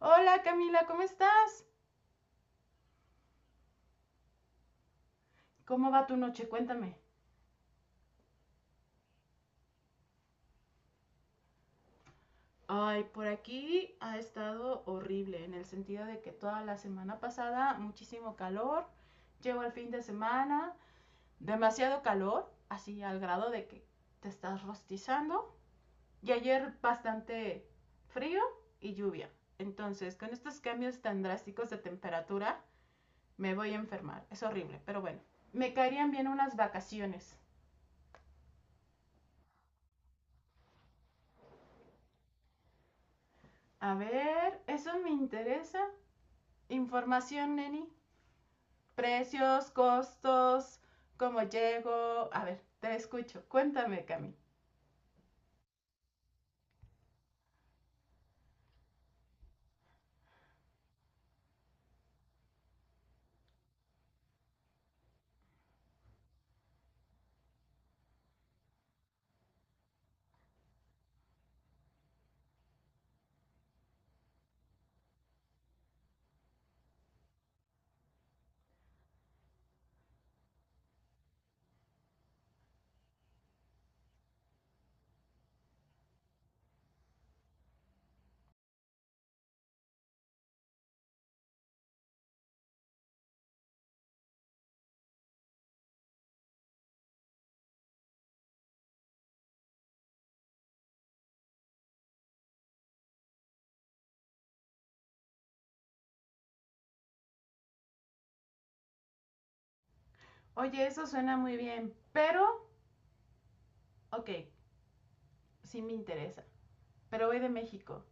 Hola Camila, ¿cómo estás? ¿Cómo va tu noche? Cuéntame. Ay, por aquí ha estado horrible, en el sentido de que toda la semana pasada muchísimo calor, llegó el fin de semana, demasiado calor, así al grado de que te estás rostizando, y ayer bastante frío y lluvia. Entonces, con estos cambios tan drásticos de temperatura, me voy a enfermar. Es horrible, pero bueno, me caerían bien unas vacaciones. A ver, eso me interesa. Información, Neni. Precios, costos, cómo llego. A ver, te escucho. Cuéntame, Cami. Oye, eso suena muy bien, pero, ok, sí me interesa. Pero voy de México.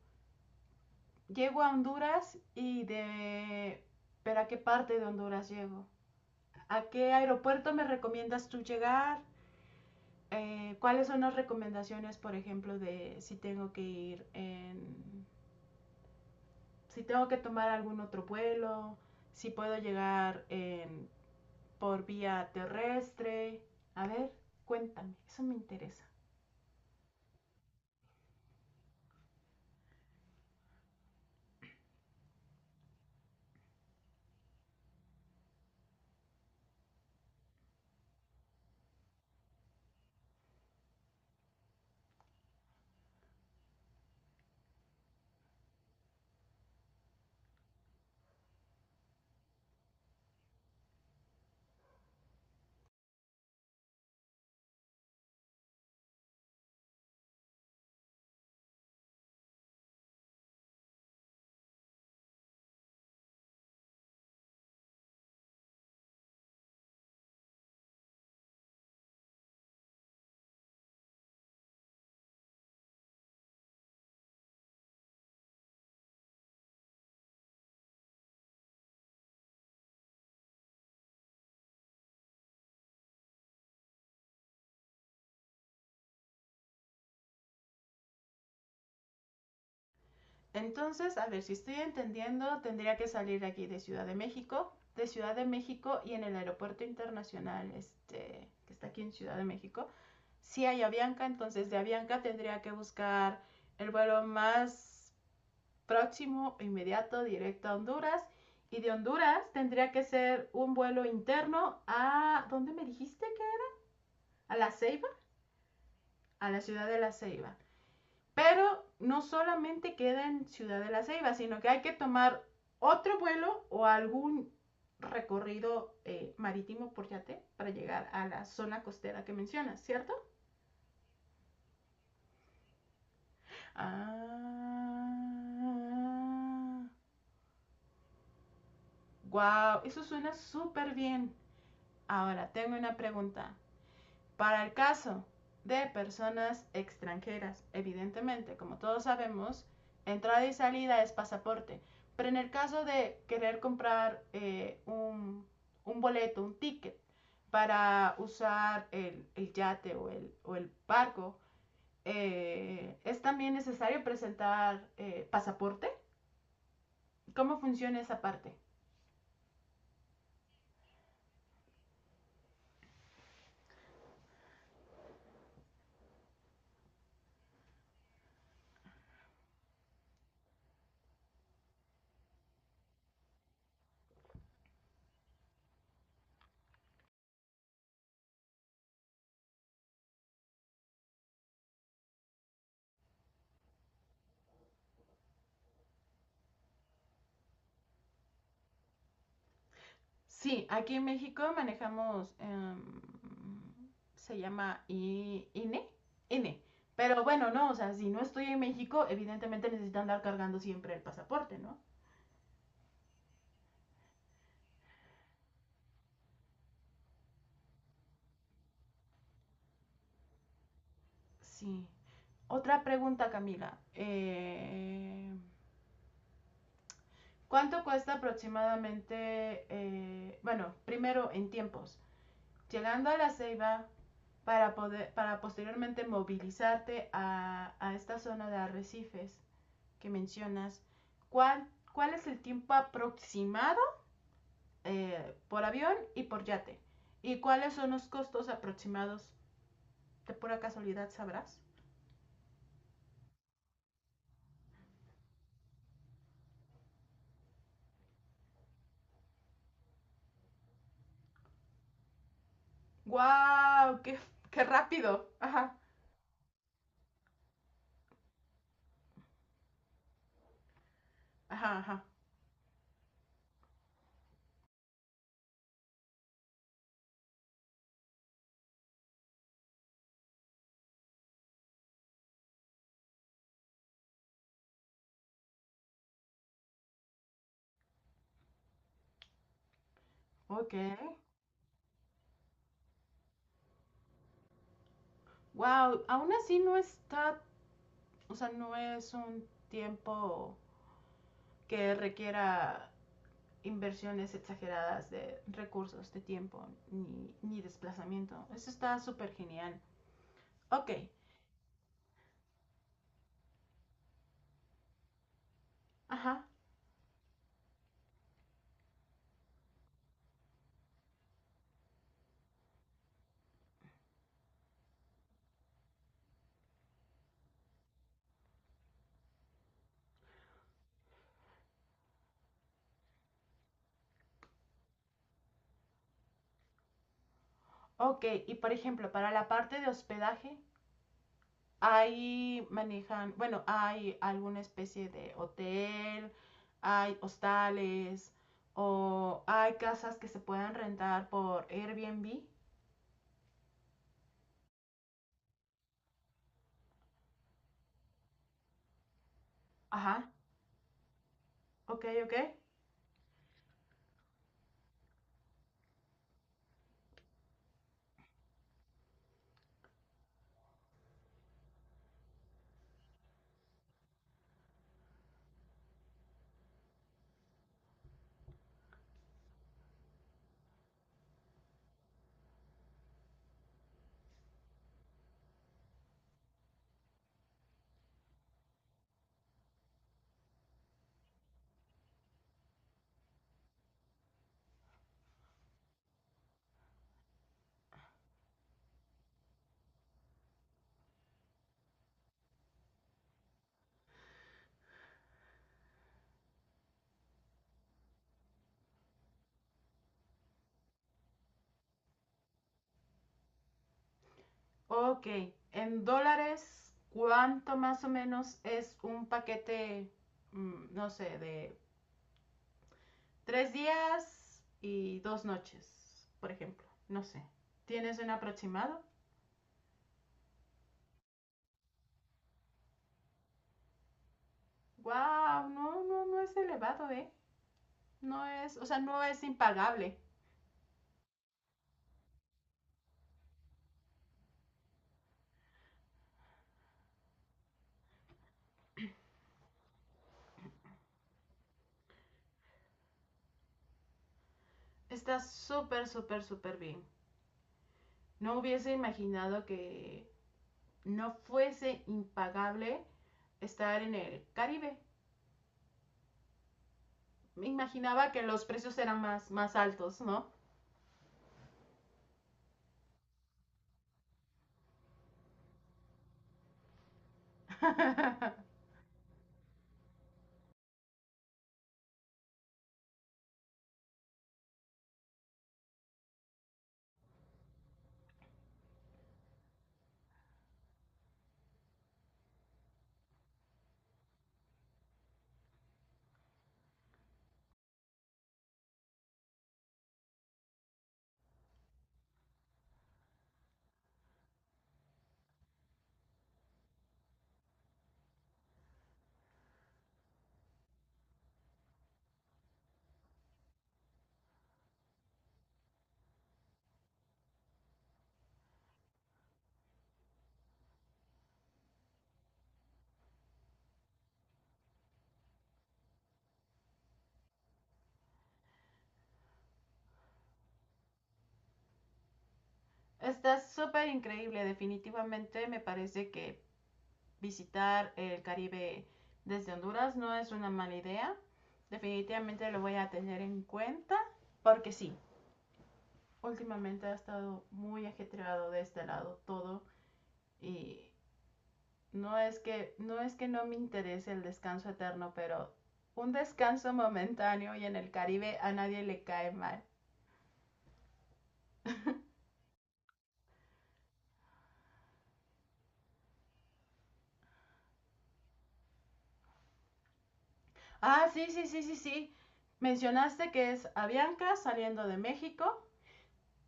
Llego a Honduras y de... ¿Pero a qué parte de Honduras llego? ¿A qué aeropuerto me recomiendas tú llegar? ¿Cuáles son las recomendaciones, por ejemplo, de si tengo que ir en... si tengo que tomar algún otro vuelo? Si puedo llegar en por vía terrestre. A ver, cuéntame, eso me interesa. Entonces, a ver, si estoy entendiendo, tendría que salir aquí de Ciudad de México, y en el aeropuerto internacional, este, que está aquí en Ciudad de México, si hay Avianca, entonces de Avianca tendría que buscar el vuelo más próximo, inmediato, directo a Honduras. Y de Honduras tendría que ser un vuelo interno ¿dónde me dijiste que? A La Ceiba, a la ciudad de La Ceiba. Pero no solamente queda en Ciudad de la Ceiba, sino que hay que tomar otro vuelo o algún recorrido marítimo por yate para llegar a la zona costera que mencionas, ¿cierto? Ah, wow, eso suena súper bien. Ahora tengo una pregunta. Para el caso de personas extranjeras, evidentemente, como todos sabemos, entrada y salida es pasaporte. Pero en el caso de querer comprar un boleto, un ticket para usar el yate o el barco, ¿es también necesario presentar pasaporte? ¿Cómo funciona esa parte? Sí, aquí en México manejamos, se llama INE, INE. Pero bueno, no, o sea, si no estoy en México, evidentemente necesito andar cargando siempre el pasaporte, ¿no? Sí. Otra pregunta, Camila. ¿Cuánto cuesta aproximadamente, bueno, primero en tiempos, llegando a La Ceiba para poder, para posteriormente movilizarte a esta zona de arrecifes que mencionas, ¿cuál, ¿cuál es el tiempo aproximado por avión y por yate? ¿Y cuáles son los costos aproximados? De pura casualidad sabrás. ¡Wow! ¡Qué rápido! Ajá, ajá, ajá. Ok. ¡Wow! Aún así no está, o sea, no es un tiempo que requiera inversiones exageradas de recursos, de tiempo, ni desplazamiento. Eso está súper genial. Ok, ajá. Ok, y por ejemplo, para la parte de hospedaje, ahí manejan, bueno, hay alguna especie de hotel, hay hostales o hay casas que se puedan rentar por Airbnb. Ajá, ok, ok. Ok, en dólares, ¿cuánto más o menos es un paquete, no sé, de 3 días y 2 noches, por ejemplo? No sé. ¿Tienes un aproximado? Wow, no, no, no es elevado, ¿eh? No es, o sea, no es impagable. Está súper, súper, súper bien. No hubiese imaginado que no fuese impagable estar en el Caribe. Me imaginaba que los precios eran más, más altos, ¿no? Está súper increíble, definitivamente me parece que visitar el Caribe desde Honduras no es una mala idea. Definitivamente lo voy a tener en cuenta porque sí, últimamente ha estado muy ajetreado de este lado todo y no es que no me interese el descanso eterno, pero un descanso momentáneo y en el Caribe a nadie le cae mal. Ah, sí, sí, sí, sí, sí. Mencionaste que es Avianca saliendo de México.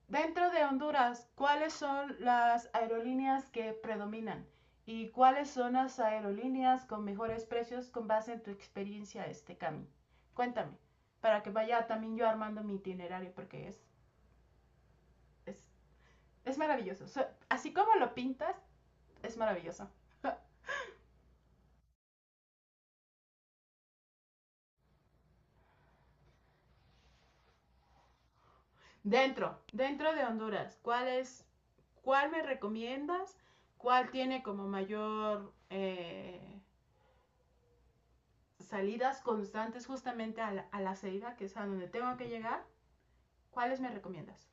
Dentro de Honduras, ¿cuáles son las aerolíneas que predominan? ¿Y cuáles son las aerolíneas con mejores precios con base en tu experiencia, Cami? Cuéntame, para que vaya también yo armando mi itinerario, porque es, es maravilloso. Así como lo pintas, es maravilloso. Dentro de Honduras, ¿cuál me recomiendas? ¿Cuál tiene como mayor salidas constantes justamente a la Ceiba, que es a donde tengo que llegar? ¿Cuáles me recomiendas?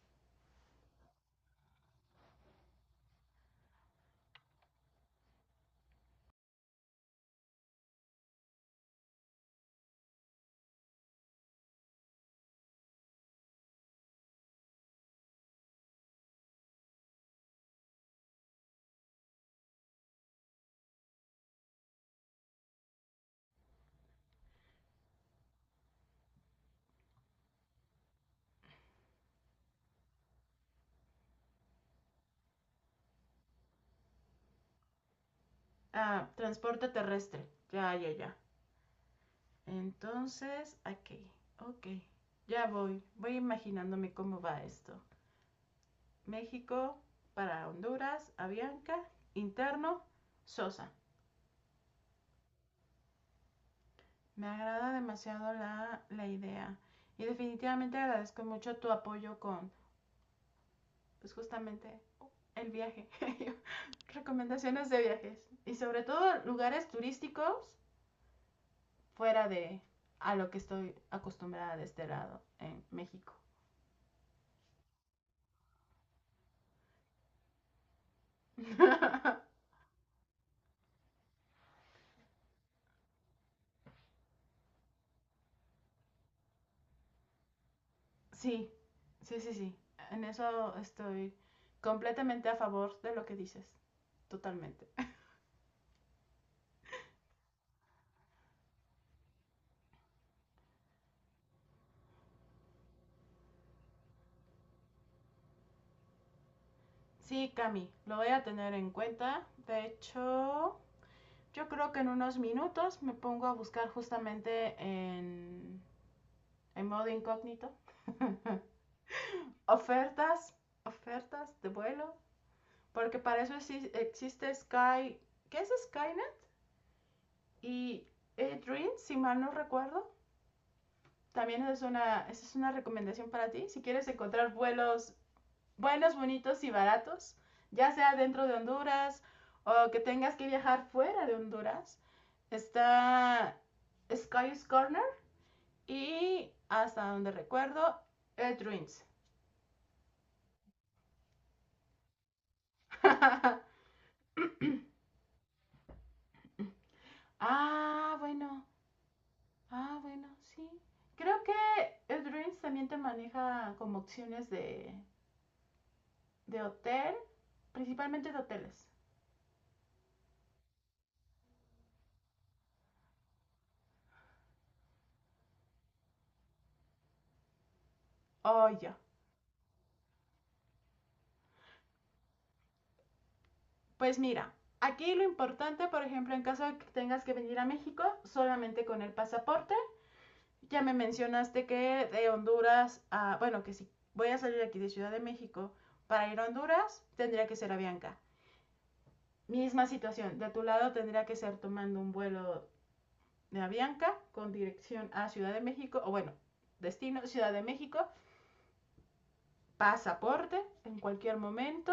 Ah, transporte terrestre. Ya, ya, ya. Entonces, aquí. Ok. Ya voy. Voy imaginándome cómo va esto. México para Honduras, Avianca, interno, Sosa. Me agrada demasiado la idea. Y definitivamente agradezco mucho tu apoyo con, pues justamente el viaje. Recomendaciones de viajes y sobre todo lugares turísticos fuera de a lo que estoy acostumbrada de este lado en México. Sí, sí, sí, sí. En eso estoy completamente a favor de lo que dices, totalmente. Sí, Cami, lo voy a tener en cuenta. De hecho, yo creo que en unos minutos me pongo a buscar justamente en modo incógnito ofertas, ofertas de vuelo, porque para eso existe Sky, ¿qué es Skynet? Y Dream, si mal no recuerdo, también es esa es una recomendación para ti, si quieres encontrar vuelos buenos, bonitos y baratos, ya sea dentro de Honduras o que tengas que viajar fuera de Honduras, está Sky's Corner y hasta donde recuerdo, Dreams. ah, bueno, Ah, bueno, sí. Creo que el Dreams también te maneja como opciones de hotel, principalmente de hoteles. Oh, ya. Pues mira, aquí lo importante, por ejemplo, en caso de que tengas que venir a México, solamente con el pasaporte. Ya me mencionaste que de Honduras a, bueno, que si voy a salir aquí de Ciudad de México para ir a Honduras, tendría que ser Avianca. Misma situación, de tu lado tendría que ser tomando un vuelo de Avianca con dirección a Ciudad de México, o bueno, destino Ciudad de México, pasaporte en cualquier momento.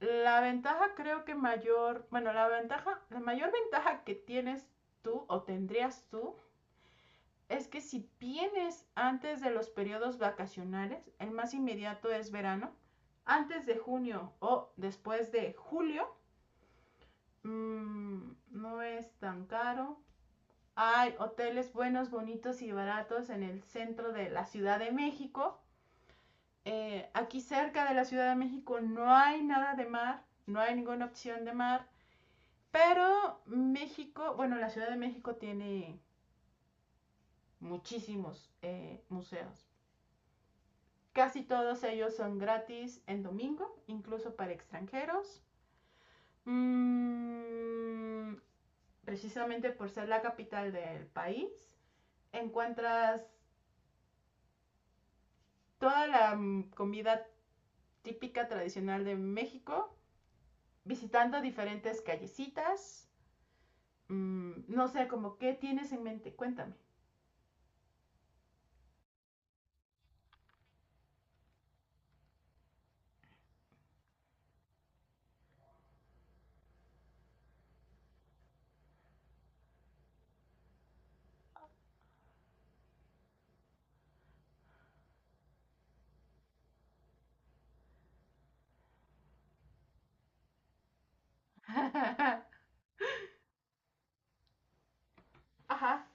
La ventaja creo que mayor, bueno, la ventaja, la mayor ventaja que tienes tú o tendrías tú es que si vienes antes de los periodos vacacionales, el más inmediato es verano, antes de junio o después de julio, no es tan caro. Hay hoteles buenos, bonitos y baratos en el centro de la Ciudad de México. Aquí cerca de la Ciudad de México no hay nada de mar, no hay ninguna opción de mar, pero México, bueno, la Ciudad de México tiene muchísimos museos. Casi todos ellos son gratis en domingo, incluso para extranjeros. Mm, Precisamente por ser la capital del país, encuentras toda la comida típica tradicional de México, visitando diferentes callecitas. No sé, como qué tienes en mente, cuéntame. Ajá.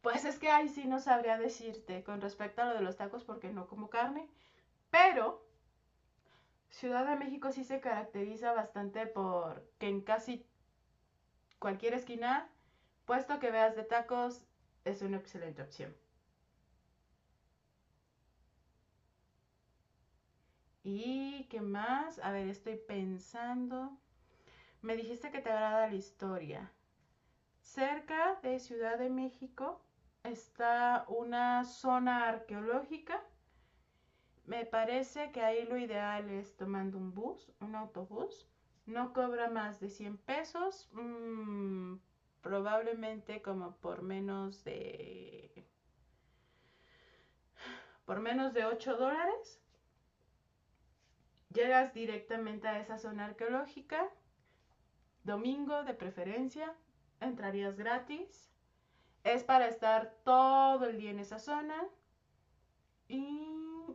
Pues es que ahí sí no sabría decirte con respecto a lo de los tacos porque no como carne, pero Ciudad de México sí se caracteriza bastante por que en casi cualquier esquina, puesto que veas de tacos, es una excelente opción. ¿Y qué más? A ver, estoy pensando. Me dijiste que te agrada la historia. Cerca de Ciudad de México está una zona arqueológica. Me parece que ahí lo ideal es tomando un bus, un autobús. No cobra más de 100 pesos, probablemente como por menos de $8. Llegas directamente a esa zona arqueológica, domingo de preferencia, entrarías gratis. Es para estar todo el día en esa zona y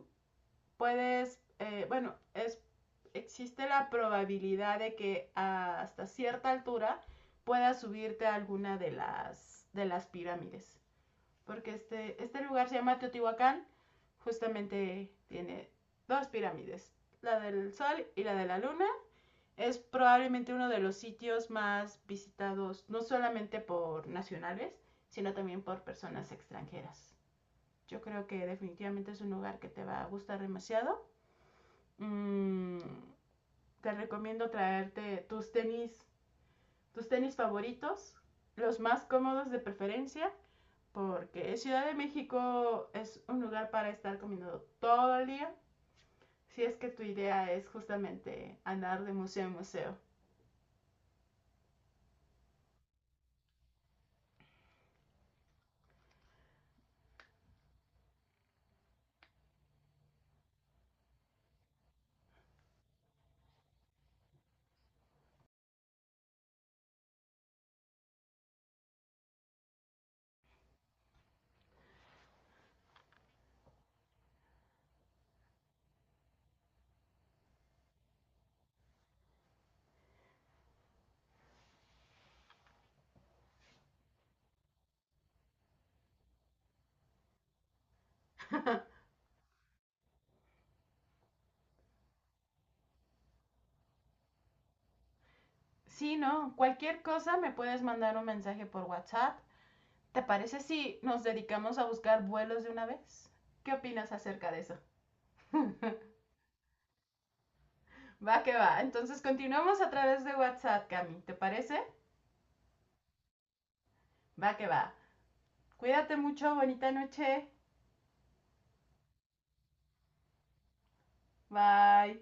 puedes, existe la probabilidad de que hasta cierta altura puedas subirte a alguna de las pirámides. Porque este lugar se llama Teotihuacán, justamente tiene dos pirámides, la del Sol y la de la Luna. Es probablemente uno de los sitios más visitados, no solamente por nacionales, sino también por personas extranjeras. Yo creo que definitivamente es un lugar que te va a gustar demasiado. mm, Te recomiendo traerte tus tenis favoritos, los más cómodos de preferencia, porque Ciudad de México es un lugar para estar caminando todo el día, si es que tu idea es justamente andar de museo en museo. Sí, no, cualquier cosa me puedes mandar un mensaje por WhatsApp. ¿Te parece si nos dedicamos a buscar vuelos de una vez? ¿Qué opinas acerca de eso? Va que va. Entonces continuamos a través de WhatsApp, Cami. ¿Te parece? Va que va. Cuídate mucho, bonita noche. Bye.